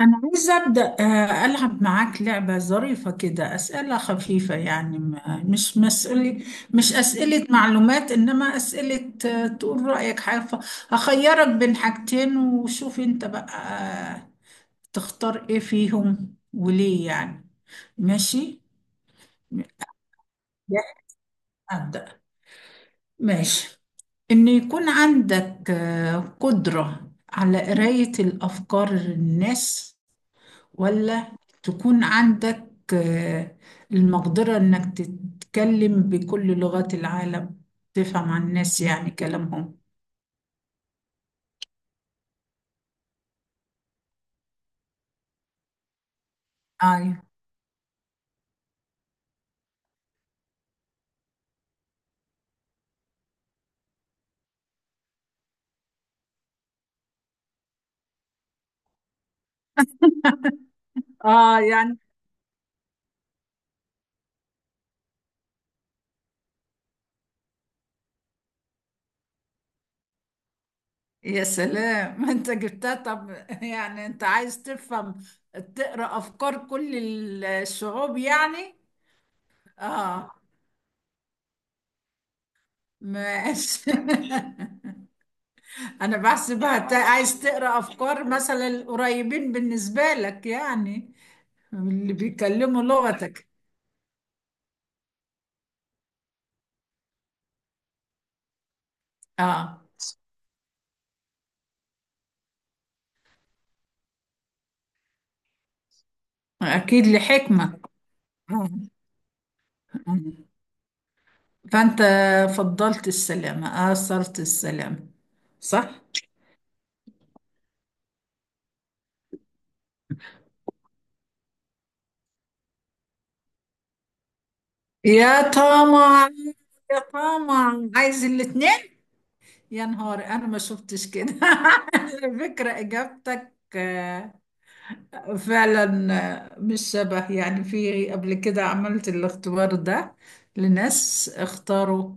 أنا عايزة أبدأ ألعب معاك لعبة ظريفة كده. أسئلة خفيفة، يعني مش مسألة، مش أسئلة معلومات، إنما أسئلة تقول رأيك حاجة. هخيرك بين حاجتين وشوف أنت بقى آه، تختار إيه فيهم وليه يعني. ماشي. أبدأ. ماشي. إن يكون عندك قدرة على قراية الأفكار الناس، ولا تكون عندك آه، المقدرة إنك تتكلم بكل لغات العالم، تفهم عن الناس يعني كلامهم. أيوة. آه يعني. يا سلام أنت جبتها طب. يعني أنت عايز تفهم، تقرأ أفكار كل الشعوب يعني. آه. ماشي. أنا بحسبها عايز تقرأ أفكار مثلا القريبين بالنسبة لك، يعني اللي بيكلموا لغتك. آه. أكيد لحكمة. آه. آه. فأنت فضلت السلامة، آثرت السلامة، صح؟ يا طمع، يا طمع، عايز الاتنين. يا نهار أنا ما شفتش كده. على فكرة إجابتك فعلا مش شبه، يعني في قبل كده عملت الاختبار ده لناس اختاروا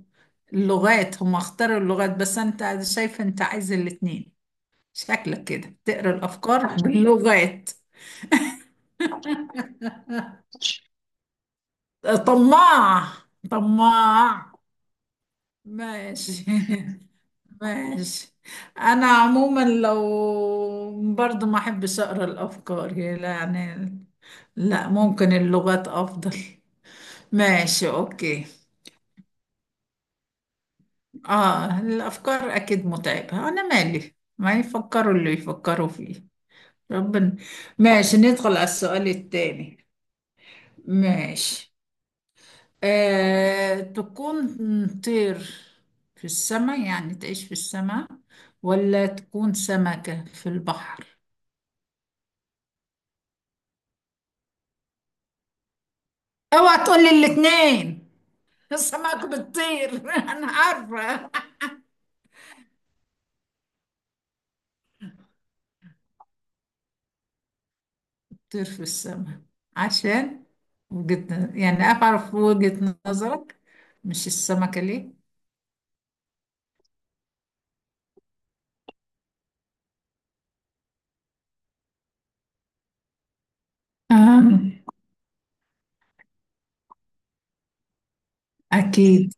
اللغات، هم اختاروا اللغات، بس أنت شايف أنت عايز الاتنين. شكلك كده تقرا الافكار باللغات. طماع، طماع. ماشي. ماشي. انا عموما لو برضو ما احبش اقرا الافكار يعني. لا، ممكن اللغات افضل. ماشي اوكي. اه، الافكار اكيد متعبه، انا مالي ما يفكروا اللي يفكروا فيه. ربنا. ماشي، ندخل على السؤال التاني. ماشي. تكون طير في السماء يعني تعيش في السماء، ولا تكون سمكة في البحر. اوعى تقولي الاتنين. السمك بتطير. انا عارفة. طير في السماء، عشان وجهة، يعني اعرف وجهة نظرك، مش السمكة ليه. آه. اكيد.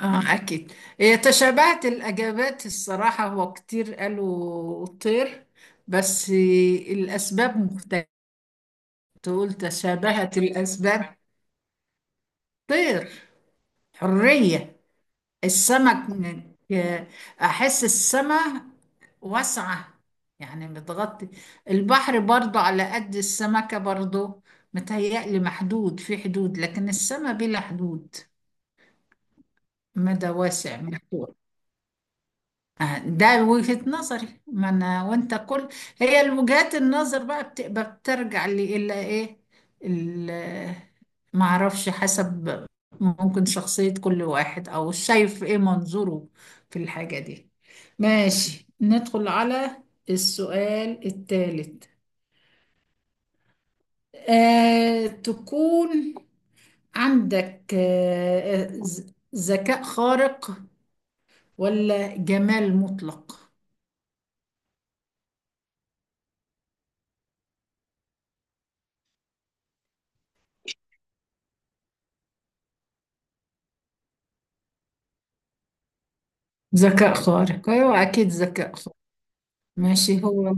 اه اكيد. هي تشابهت الاجابات الصراحه، هو كتير قالوا طير، بس الاسباب مختلفه، تقول تشابهت الاسباب. طير، حريه. السمك من- احس السماء واسعه يعني، متغطي. البحر برضه على قد السمكه برضه، متهيألي محدود في حدود، لكن السماء بلا حدود، مدى واسع مفتوح. ده وجهة نظري. ما انا وانت كل هي الوجهات النظر بقى بتبقى بترجع لي الا ايه، ال- ما اعرفش، حسب. ممكن شخصية كل واحد، او شايف ايه منظوره في الحاجة دي. ماشي، ندخل على السؤال الثالث. تكون عندك ذكاء خارق، ولا جمال مطلق. ذكاء خارق، أيوة أكيد ذكاء خارق. ماشي. هو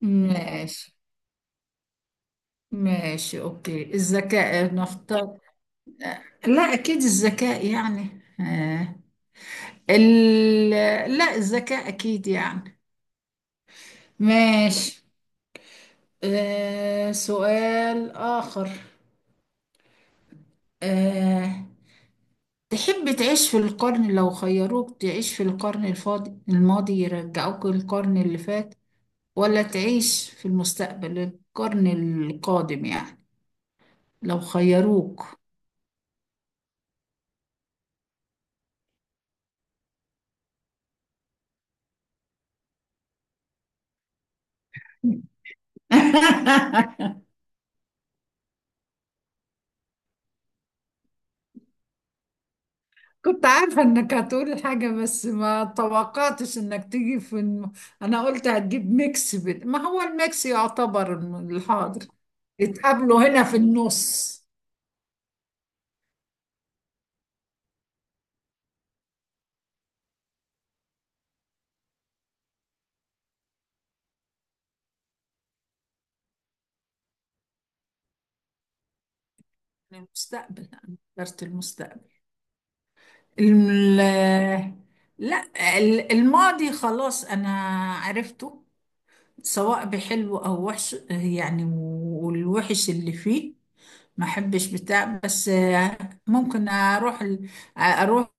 ماشي. ماشي أوكي، الذكاء نختار. لا أكيد الذكاء يعني. آه. ال... لا الذكاء أكيد يعني. ماشي. آه. سؤال آخر. آه. تحب تعيش في القرن، لو خيروك تعيش في القرن الفاضي، الماضي، يرجعوك للقرن اللي فات، ولا تعيش في المستقبل، القرن القادم يعني، لو خيروك. كنت عارفة انك هتقول حاجة، بس ما توقعتش انك تيجي في انا قلت هتجيب ميكس، بين ما هو الميكس يعتبر الحاضر. اتقابلوا هنا في النص. المستقبل، انا اخترت المستقبل. الم... لا، الماضي خلاص انا عرفته، سواء بحلو او وحش يعني، والوحش اللي فيه ما احبش بتاع. بس ممكن اروح اروح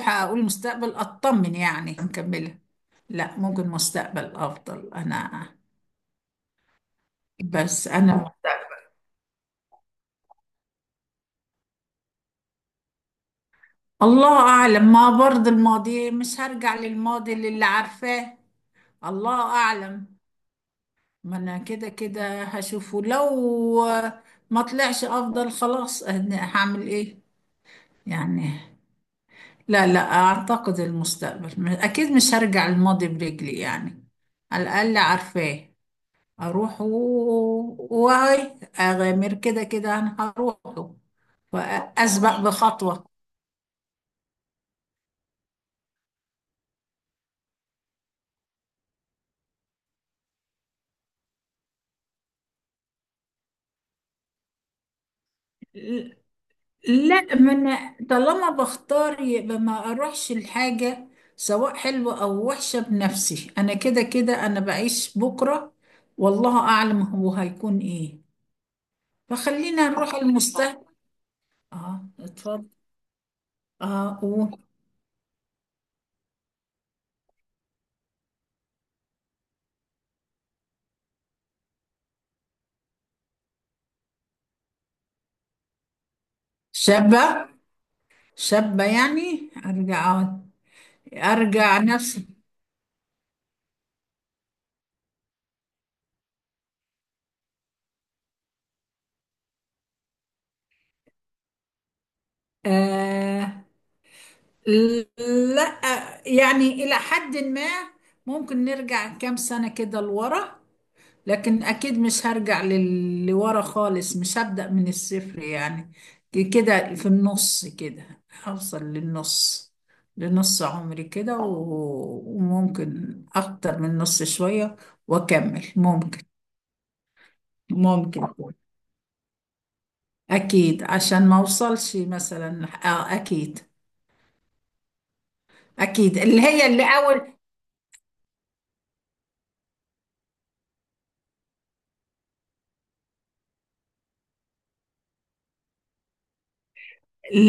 اقول مستقبل، اطمن يعني نكملها. لا ممكن مستقبل افضل انا. بس انا، الله اعلم، ما برضه الماضي مش هرجع للماضي اللي عارفاه. الله اعلم، ما انا كده كده هشوفه. لو ما طلعش افضل، خلاص أنا هعمل ايه يعني. لا لا، أعتقد المستقبل أكيد مش هرجع الماضي برجلي يعني، على الأقل عارفاه. أروح واي أغامر، كده كده أنا هروحه وأسبق بخطوة. ل- لا، ما أنا طالما بختار يبقى ما أروحش الحاجة سواء حلوة أو وحشة بنفسي. أنا كده كده أنا بعيش بكرة والله أعلم هو هيكون إيه، فخلينا نروح المستقبل. آه اتفضل. آه قول. شابة، شابة، يعني أرجع نفسي. آه. لا يعني إلى حد ما، ممكن نرجع كام سنة كده لورا، لكن أكيد مش هرجع لورا خالص، مش هبدأ من الصفر يعني. كده في النص، كده هوصل للنص، لنص عمري كده، وممكن أكتر من نص شوية وأكمل. ممكن، ممكن. أكيد، عشان ما أوصلش مثلا آه أكيد، أكيد اللي هي اللي أول.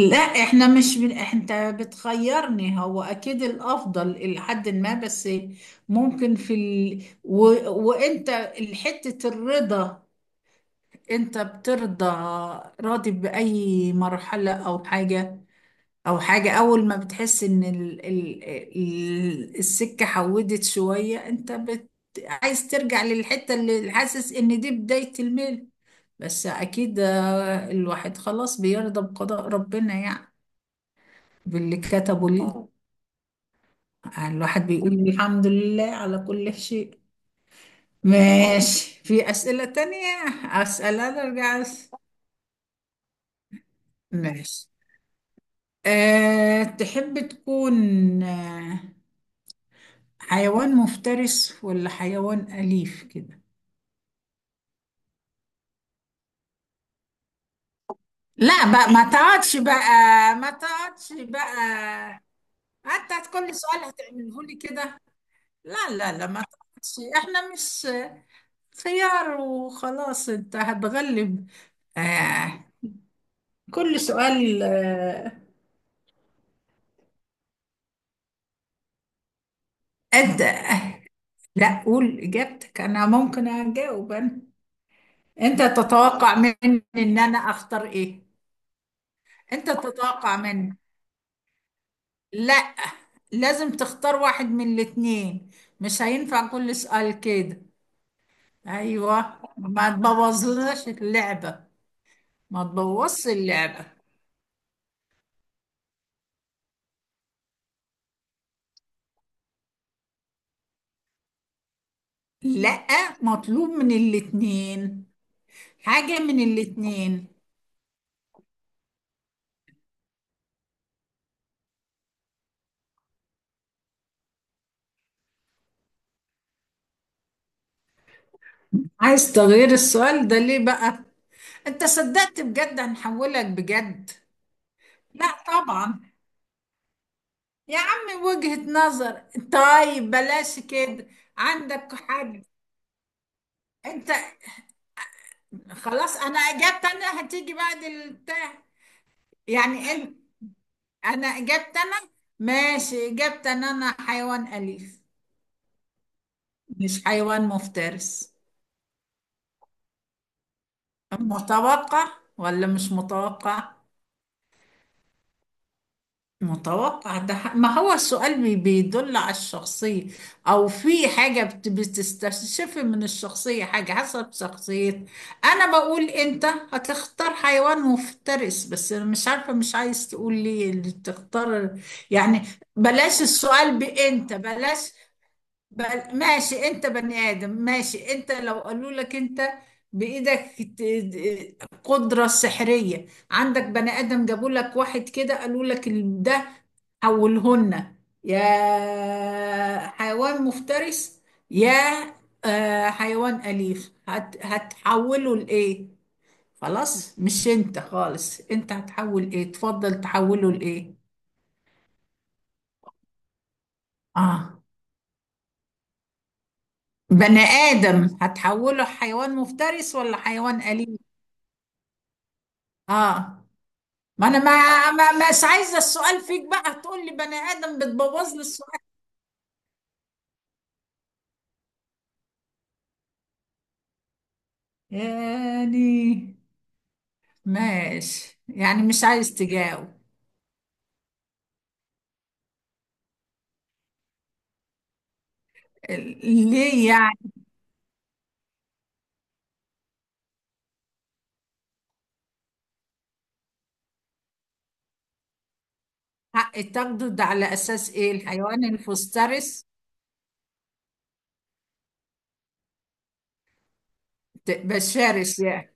لا إحنا مش من أنت بتخيرني، هو أكيد الأفضل إلى حد ما، بس ممكن في وأنت حتة الرضا، أنت بترضى راضي بأي مرحلة أو حاجة، او حاجة. اول ما بتحس ان ال السكة حودت شوية، انت عايز ترجع للحتة اللي حاسس ان دي بداية الميل. بس اكيد الواحد خلاص بيرضى بقضاء ربنا يعني، باللي كتبه ليه. الواحد بيقول الحمد لله على كل شيء. ماشي، في اسئلة تانية اسألها، ماشي. أه، تحب تكون حيوان مفترس ولا حيوان أليف كده. لا بقى، ما تقعدش بقى، ما تقعدش بقى، انت كل سؤال هتعمله لي كده؟ لا لا لا ما تقعدش، احنا مش خيار وخلاص انت هتغلب. آه، كل سؤال آه. أد... آه، لا قول إجابتك، أنا ممكن أجاوب أنا. أنت تتوقع مني إن أنا أختار إيه. أنت تتوقع مني. لا، لازم تختار واحد من الاتنين، مش هينفع كل سؤال كده. ايوه ما تبوظلناش اللعبة. ما تبوظش اللعبة. لا، مطلوب من الاتنين حاجة من الاتنين. عايز تغيير السؤال ده ليه بقى؟ انت صدقت بجد، هنحولك بجد. لا طبعا، يا عم وجهة نظر، طيب بلاش كده. عندك حد؟ انت خلاص، انا اجابت انا هتيجي بعد البتاع. يعني انا اجابت انا، ماشي، اجابت ان انا حيوان اليف، مش حيوان مفترس. متوقع ولا مش متوقع؟ متوقع، ده ما هو السؤال بيدل على الشخصية، أو في حاجة بتستشف من الشخصية حاجة حسب شخصية. أنا بقول أنت هتختار حيوان مفترس، بس أنا مش عارفة، مش عايز تقول لي اللي تختار يعني. بلاش السؤال بأنت، بلاش. بل ماشي، انت بني ادم، ماشي. انت لو قالوا لك انت بايدك قدرة سحرية، عندك بني ادم جابوا لك واحد كده، قالوا لك ده حولهن، يا حيوان مفترس، يا حيوان أليف، هتحوله لإيه؟ خلاص مش انت خالص، انت هتحول ايه، تفضل تحوله لإيه. اه. بني آدم هتحوله حيوان مفترس ولا حيوان أليف؟ اه. ما انا ما ما مش عايزه السؤال فيك بقى، هتقول لي بني ادم بتبوظ لي السؤال. يعني ماشي، يعني مش عايز تجاوب. ال- ليه يعني؟ حق تاخده ده على اساس ايه، الحيوان الفسترس؟ بشرس يعني؟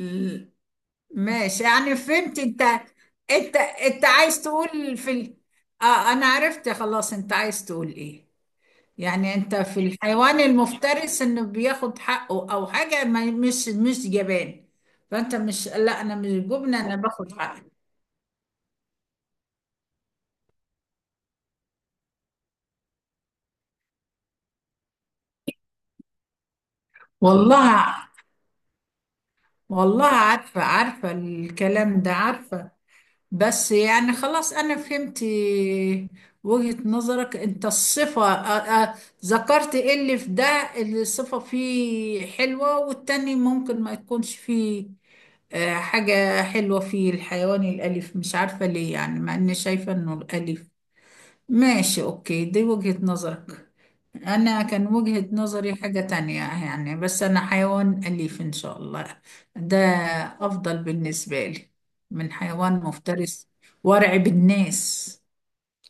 ال- ماشي، يعني فهمت انت، انت انت عايز تقول في اه انا عرفت خلاص انت عايز تقول ايه. يعني انت في الحيوان المفترس انه بياخد حقه، او حاجة ما، مش جبان. فانت مش، لا انا مش جبنة، انا باخد حقي. والله، والله عارفة، عارفة الكلام ده عارفة. بس يعني خلاص أنا فهمت وجهة نظرك، أنت الصفة ذكرت إيه اللي في ده، اللي الصفة فيه حلوة، والتاني ممكن ما يكونش فيه حاجة حلوة فيه، الحيوان الأليف، مش عارفة ليه يعني، مع إني شايفة إنه الأليف. ماشي أوكي، دي وجهة نظرك، أنا كان وجهة نظري حاجة تانية يعني. بس أنا حيوان أليف إن شاء الله، ده أفضل بالنسبة لي من حيوان مفترس. وارع بالناس،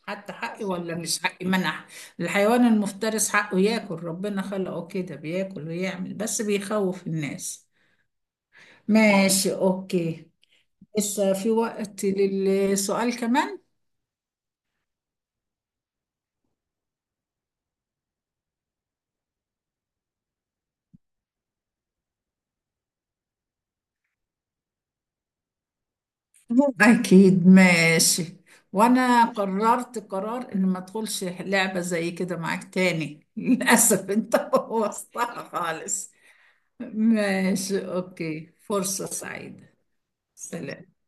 حتى حقي ولا مش حقي منح. الحيوان المفترس حقه ياكل، ربنا خلقه كده بياكل ويعمل، بس بيخوف الناس. ماشي أوكي. لسه في وقت للسؤال كمان. أكيد ماشي، وأنا قررت قرار إن ما أدخلش لعبة زي كده معاك تاني. للأسف أنت بوظتها خالص. ماشي أوكي، فرصة سعيدة. سلام.